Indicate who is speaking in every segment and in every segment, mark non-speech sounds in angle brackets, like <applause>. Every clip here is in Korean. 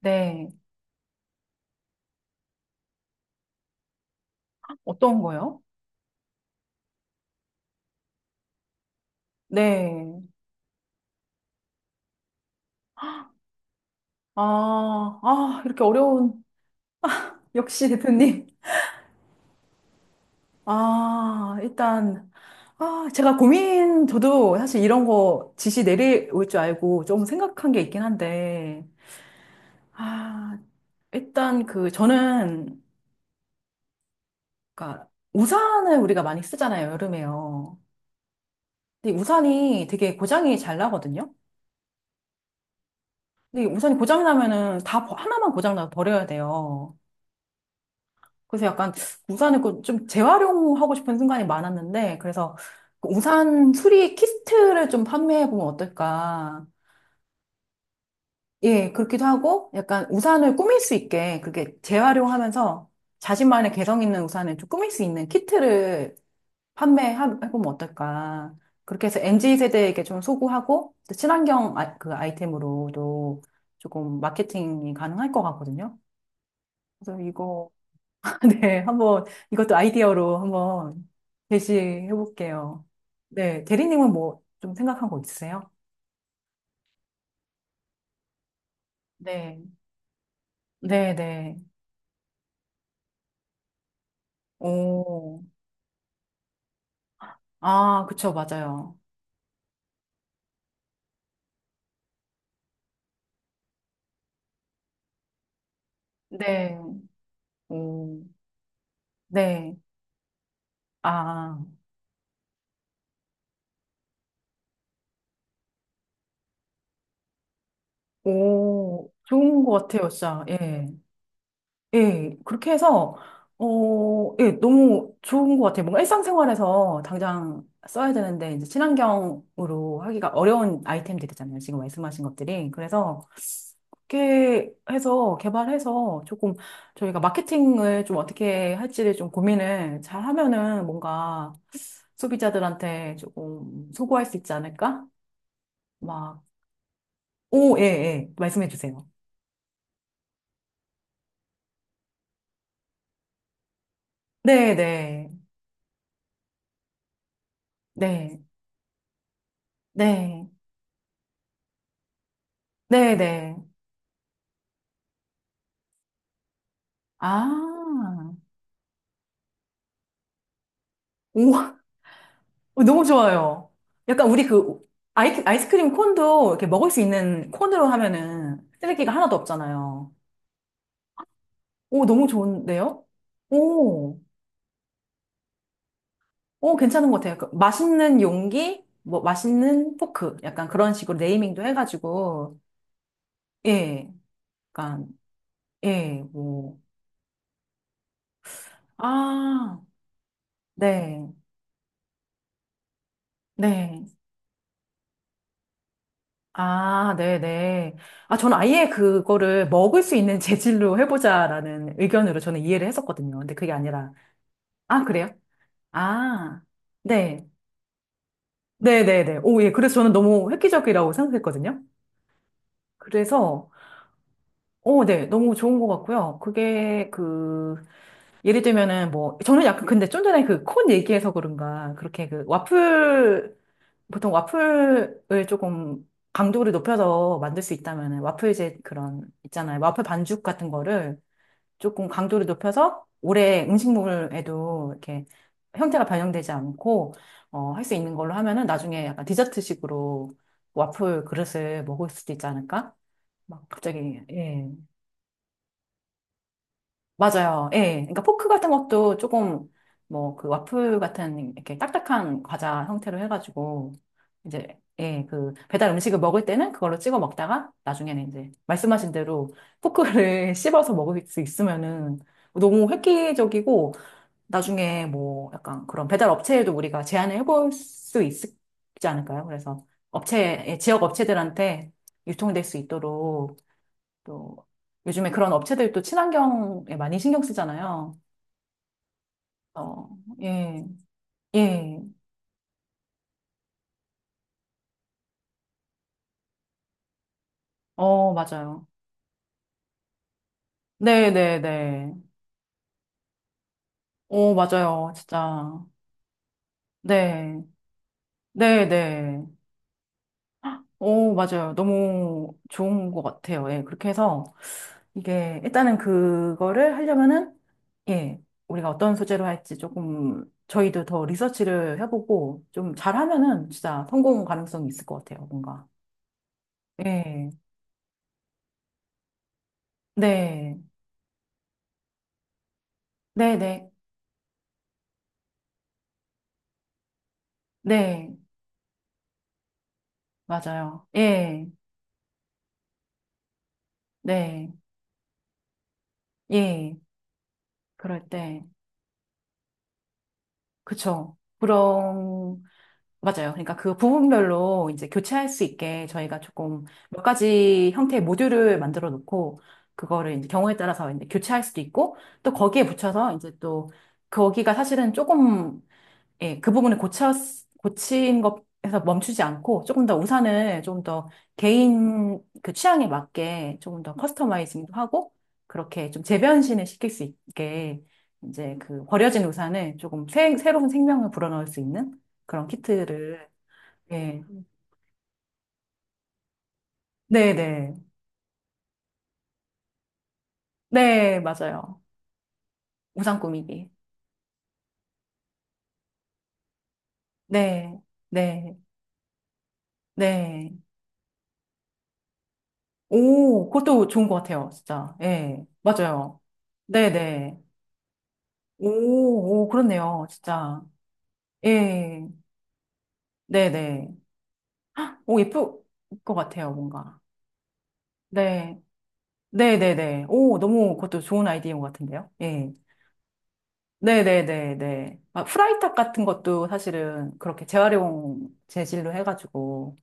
Speaker 1: 네. 어떤 거요? 네. 아, 아, 이렇게 어려운, 역시 <laughs> 대표님. 아, 일단, 아, 제가 고민, 저도 사실 이런 거 지시 내려올 줄 알고 조금 생각한 게 있긴 한데, 아, 일단 그, 저는, 그러니까, 우산을 우리가 많이 쓰잖아요, 여름에요. 근데 우산이 되게 고장이 잘 나거든요? 근데 우산이 고장이 나면은 다, 버- 하나만 고장 나도 버려야 돼요. 그래서 약간 우산을 그좀 재활용하고 싶은 순간이 많았는데, 그래서 그 우산 수리 키트를 좀 판매해보면 어떨까. 예, 그렇기도 하고, 약간 우산을 꾸밀 수 있게, 그게 재활용하면서 자신만의 개성 있는 우산을 좀 꾸밀 수 있는 키트를 판매해보면 어떨까. 그렇게 해서 MZ 세대에게 좀 소구하고, 또 친환경 아, 그 아이템으로도 조금 마케팅이 가능할 것 같거든요. 그래서 이거 <laughs> 네, 한번 이것도 아이디어로 한번 제시해 볼게요. 네, 대리님은 뭐 좀 생각한 거 있으세요? 네, 네, 네. 오, 아, 그쵸, 맞아요. 네, 오, 네, 아, 오, 좋은 것 같아요, 진짜. 예, 예, 그렇게 해서, 어, 예, 너무 좋은 것 같아요. 뭔가 일상생활에서 당장 써야 되는데, 이제 친환경으로 하기가 어려운 아이템들이잖아요. 지금 말씀하신 것들이. 그래서, 이렇게 해서 개발해서 조금 저희가 마케팅을 좀 어떻게 할지를 좀 고민을 잘 하면은 뭔가 소비자들한테 조금 소구할 수 있지 않을까? 막, 오, 예, 예. 말씀해 주세요. 네, 네, 네, 네, 네, 네. 아, 오, <laughs> 너무 좋아요. 약간 우리 그 아이스크림 콘도 이렇게 먹을 수 있는 콘으로 하면은 쓰레기가 하나도 없잖아요. 오, 너무 좋은데요? 오. 어, 괜찮은 것 같아요. 그 맛있는 용기, 뭐, 맛있는 포크. 약간 그런 식으로 네이밍도 해가지고, 예, 약간, 예, 뭐, 아, 네, 네. 아, 네네. 아, 저는 아예 그거를 먹을 수 있는 재질로 해보자라는 의견으로 저는 이해를 했었거든요. 근데 그게 아니라, 아, 그래요? 아, 네. 네네네. 오, 예. 그래서 저는 너무 획기적이라고 생각했거든요. 그래서, 오, 네. 너무 좋은 것 같고요. 그게 그, 예를 들면은 뭐 저는 약간 근데 좀 전에 그 콘 얘기해서 그런가 그렇게 그 와플 보통 와플을 조금 강도를 높여서 만들 수 있다면은 와플제 그런 있잖아요 와플 반죽 같은 거를 조금 강도를 높여서 오래 음식물에도 이렇게 형태가 변형되지 않고 어, 할 수 있는 걸로 하면은 나중에 약간 디저트식으로 와플 그릇을 먹을 수도 있지 않을까? 막 갑자기 예. 맞아요. 예. 그러니까 포크 같은 것도 조금 뭐 그 와플 같은 이렇게 딱딱한 과자 형태로 해가지고 이제 예, 그 배달 음식을 먹을 때는 그걸로 찍어 먹다가 나중에는 이제 말씀하신 대로 포크를 <laughs> 씹어서 먹을 수 있으면은 너무 획기적이고 나중에 뭐 약간 그런 배달 업체에도 우리가 제안을 해볼 수 있- 있지 않을까요? 그래서 업체, 예, 지역 업체들한테 유통될 수 있도록 또 요즘에 그런 업체들 또 친환경에 많이 신경 쓰잖아요. 어, 예, 예. 어, 맞아요. 네, 네, 네. 오, 맞아요. 진짜. 네, 네, 네. 오, 맞아요. 너무 좋은 것 같아요. 예, 그렇게 해서 이게 일단은 그거를 하려면은 예, 우리가 어떤 소재로 할지 조금 저희도 더 리서치를 해보고 좀 잘하면은 진짜 성공 가능성이 있을 것 같아요. 뭔가. 예, 네, 네, 네. 네, 맞아요. 예, 네, 예, 그럴 때, 그쵸. 그럼 맞아요. 그러니까 그 부분별로 이제 교체할 수 있게 저희가 조금 몇 가지 형태의 모듈을 만들어 놓고, 그거를 이제 경우에 따라서 이제 교체할 수도 있고, 또 거기에 붙여서 이제 또, 거기가 사실은 조금 예, 그 부분을 고쳐, 고친 것에서 멈추지 않고 조금 더 우산을 좀 더 개인 그 취향에 맞게 조금 더 커스터마이징도 하고 그렇게 좀 재변신을 시킬 수 있게 이제 그 버려진 우산을 조금 새로운 생명을 불어넣을 수 있는 그런 키트를 예. 네, 네. 네, 맞아요. 우산 꾸미기. 네. 네. 네. 오, 그것도 좋은 것 같아요. 진짜. 예. 맞아요. 네네. 오, 오, 그렇네요. 진짜. 예. 네네. 오, 예쁠 것 같아요, 뭔가. 네. 네네네. 오, 너무 그것도 좋은 아이디어인 것 같은데요. 예. 네네네네. 아, 프라이탑 같은 것도 사실은 그렇게 재활용 재질로 해가지고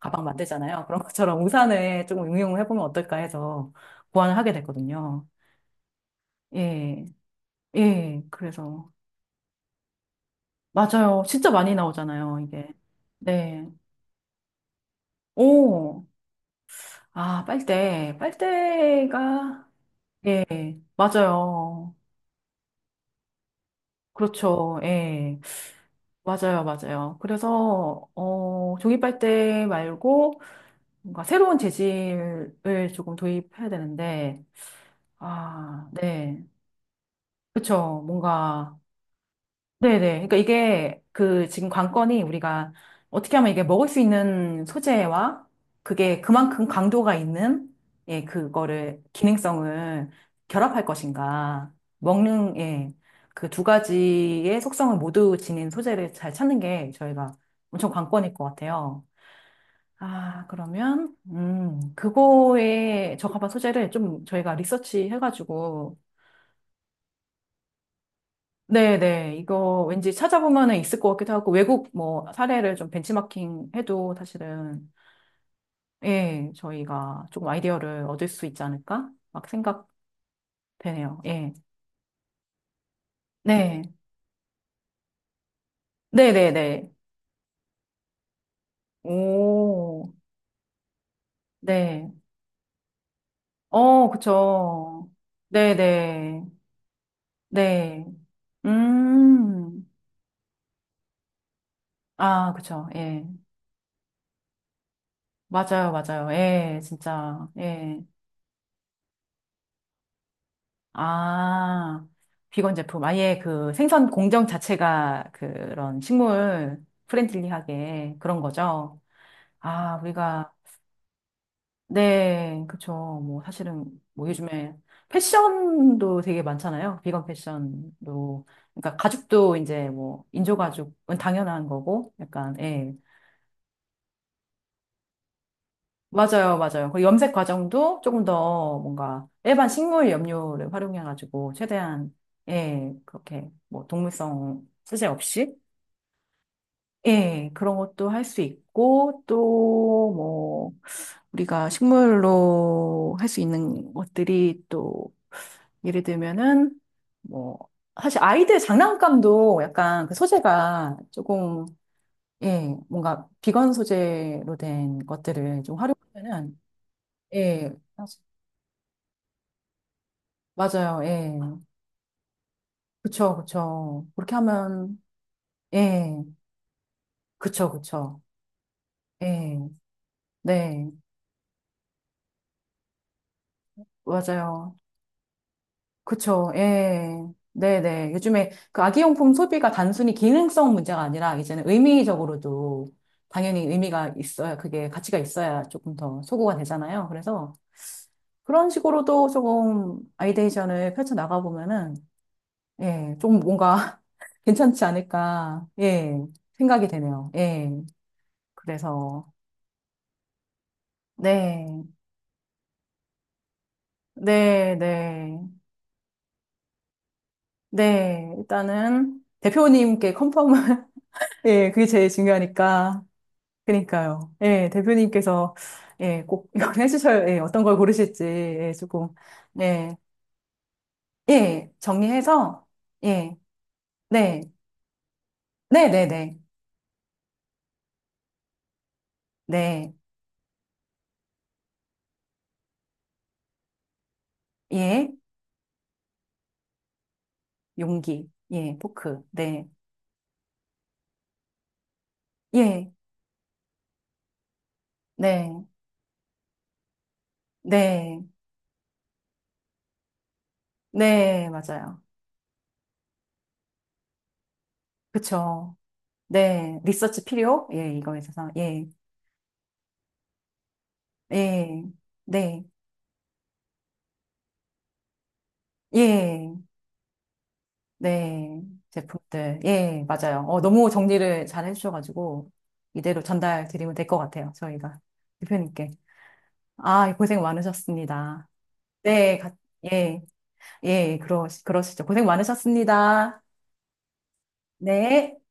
Speaker 1: 가방 만들잖아요. <laughs> 그런 것처럼 우산에 조금 응용을 해보면 어떨까 해서 고안을 하게 됐거든요. 예. 예. 그래서. 맞아요. 진짜 많이 나오잖아요, 이게. 네. 오. 아, 빨대. 빨대가, 예, 맞아요. 그렇죠. 예, 맞아요, 맞아요. 그래서, 어, 종이 빨대 말고 뭔가 새로운 재질을 조금 도입해야 되는데, 아, 네. 그렇죠. 뭔가, 네네. 그러니까 이게 그 지금 관건이 우리가 어떻게 하면 이게 먹을 수 있는 소재와 그게 그만큼 강도가 있는 예, 그거를 기능성을 결합할 것인가. 먹는 예, 그 두 가지의 속성을 모두 지닌 소재를 잘 찾는 게 저희가 엄청 관건일 것 같아요. 아, 그러면 그거에 적합한 소재를 좀 저희가 리서치 해가지고 네네. 이거 왠지 찾아보면은 있을 것 같기도 하고, 외국 뭐 사례를 좀 벤치마킹 해도 사실은, 예, 저희가 조금 아이디어를 얻을 수 있지 않을까? 막 생각되네요. 예. 네. 네네네. 오, 네. 어, 그쵸. 네네. 네. 음. 아, 그쵸. 예. 맞아요, 맞아요. 예, 진짜. 예. 아, 비건 제품. 아예 그 생선 공정 자체가 그런 식물 프렌들리하게 그런 거죠. 아, 우리가, 네, 그쵸. 뭐, 사실은 뭐 요즘에 패션도 되게 많잖아요. 비건 패션도. 그러니까 가죽도 이제 뭐, 인조가죽은 당연한 거고, 약간, 예. 맞아요, 맞아요. 그 염색 과정도 조금 더 뭔가 일반 식물 염료를 활용해가지고 최대한 예 그렇게 뭐 동물성 소재 없이 예 그런 것도 할 수 있고 또 뭐 우리가 식물로 할 수 있는 것들이 또 예를 들면은 뭐 사실 아이들 장난감도 약간 그 소재가 조금 예 뭔가 비건 소재로 된 것들을 좀 활용하면은 예. 맞아요. 예. 그쵸, 그쵸. 그렇게 하면, 예. 그쵸, 그쵸. 예. 네. 맞아요. 그쵸. 예. 네네. 요즘에 그 아기용품 소비가 단순히 기능성 문제가 아니라 이제는 의미적으로도 당연히 의미가 있어야, 그게 가치가 있어야 조금 더 소구가 되잖아요. 그래서 그런 식으로도 조금 아이데이션을 펼쳐나가보면은, 예. 좀 뭔가 <laughs> 괜찮지 않을까. 예. 생각이 되네요. 예. 그래서. 네, 네, 네, 네. 일단은 대표님께 컨펌을, <laughs> 예, 그게 제일 중요하니까. 그니까요. 예, 대표님께서, 예, 꼭 이걸 <laughs> 해주셔야, 예, 어떤 걸 고르실지, 예, 조금, 예, 예, 정리해서, 예, 네, 네, 네, 네, 네, 예, 용기, 예, 포크, 네, 예, 네, 네, 네, 맞아요. 그쵸. 네, 리서치 필요? 예, 이거에 있어서, 예. 예, 네, 예, 네, 제품들, 예, 맞아요. 어, 너무 정리를 잘 해주셔가지고, 이대로 전달 드리면 될 것 같아요, 저희가. 대표님께. 아, 고생 많으셨습니다. 네, 가- 예, 예, 그러시죠. 고생 많으셨습니다. 네.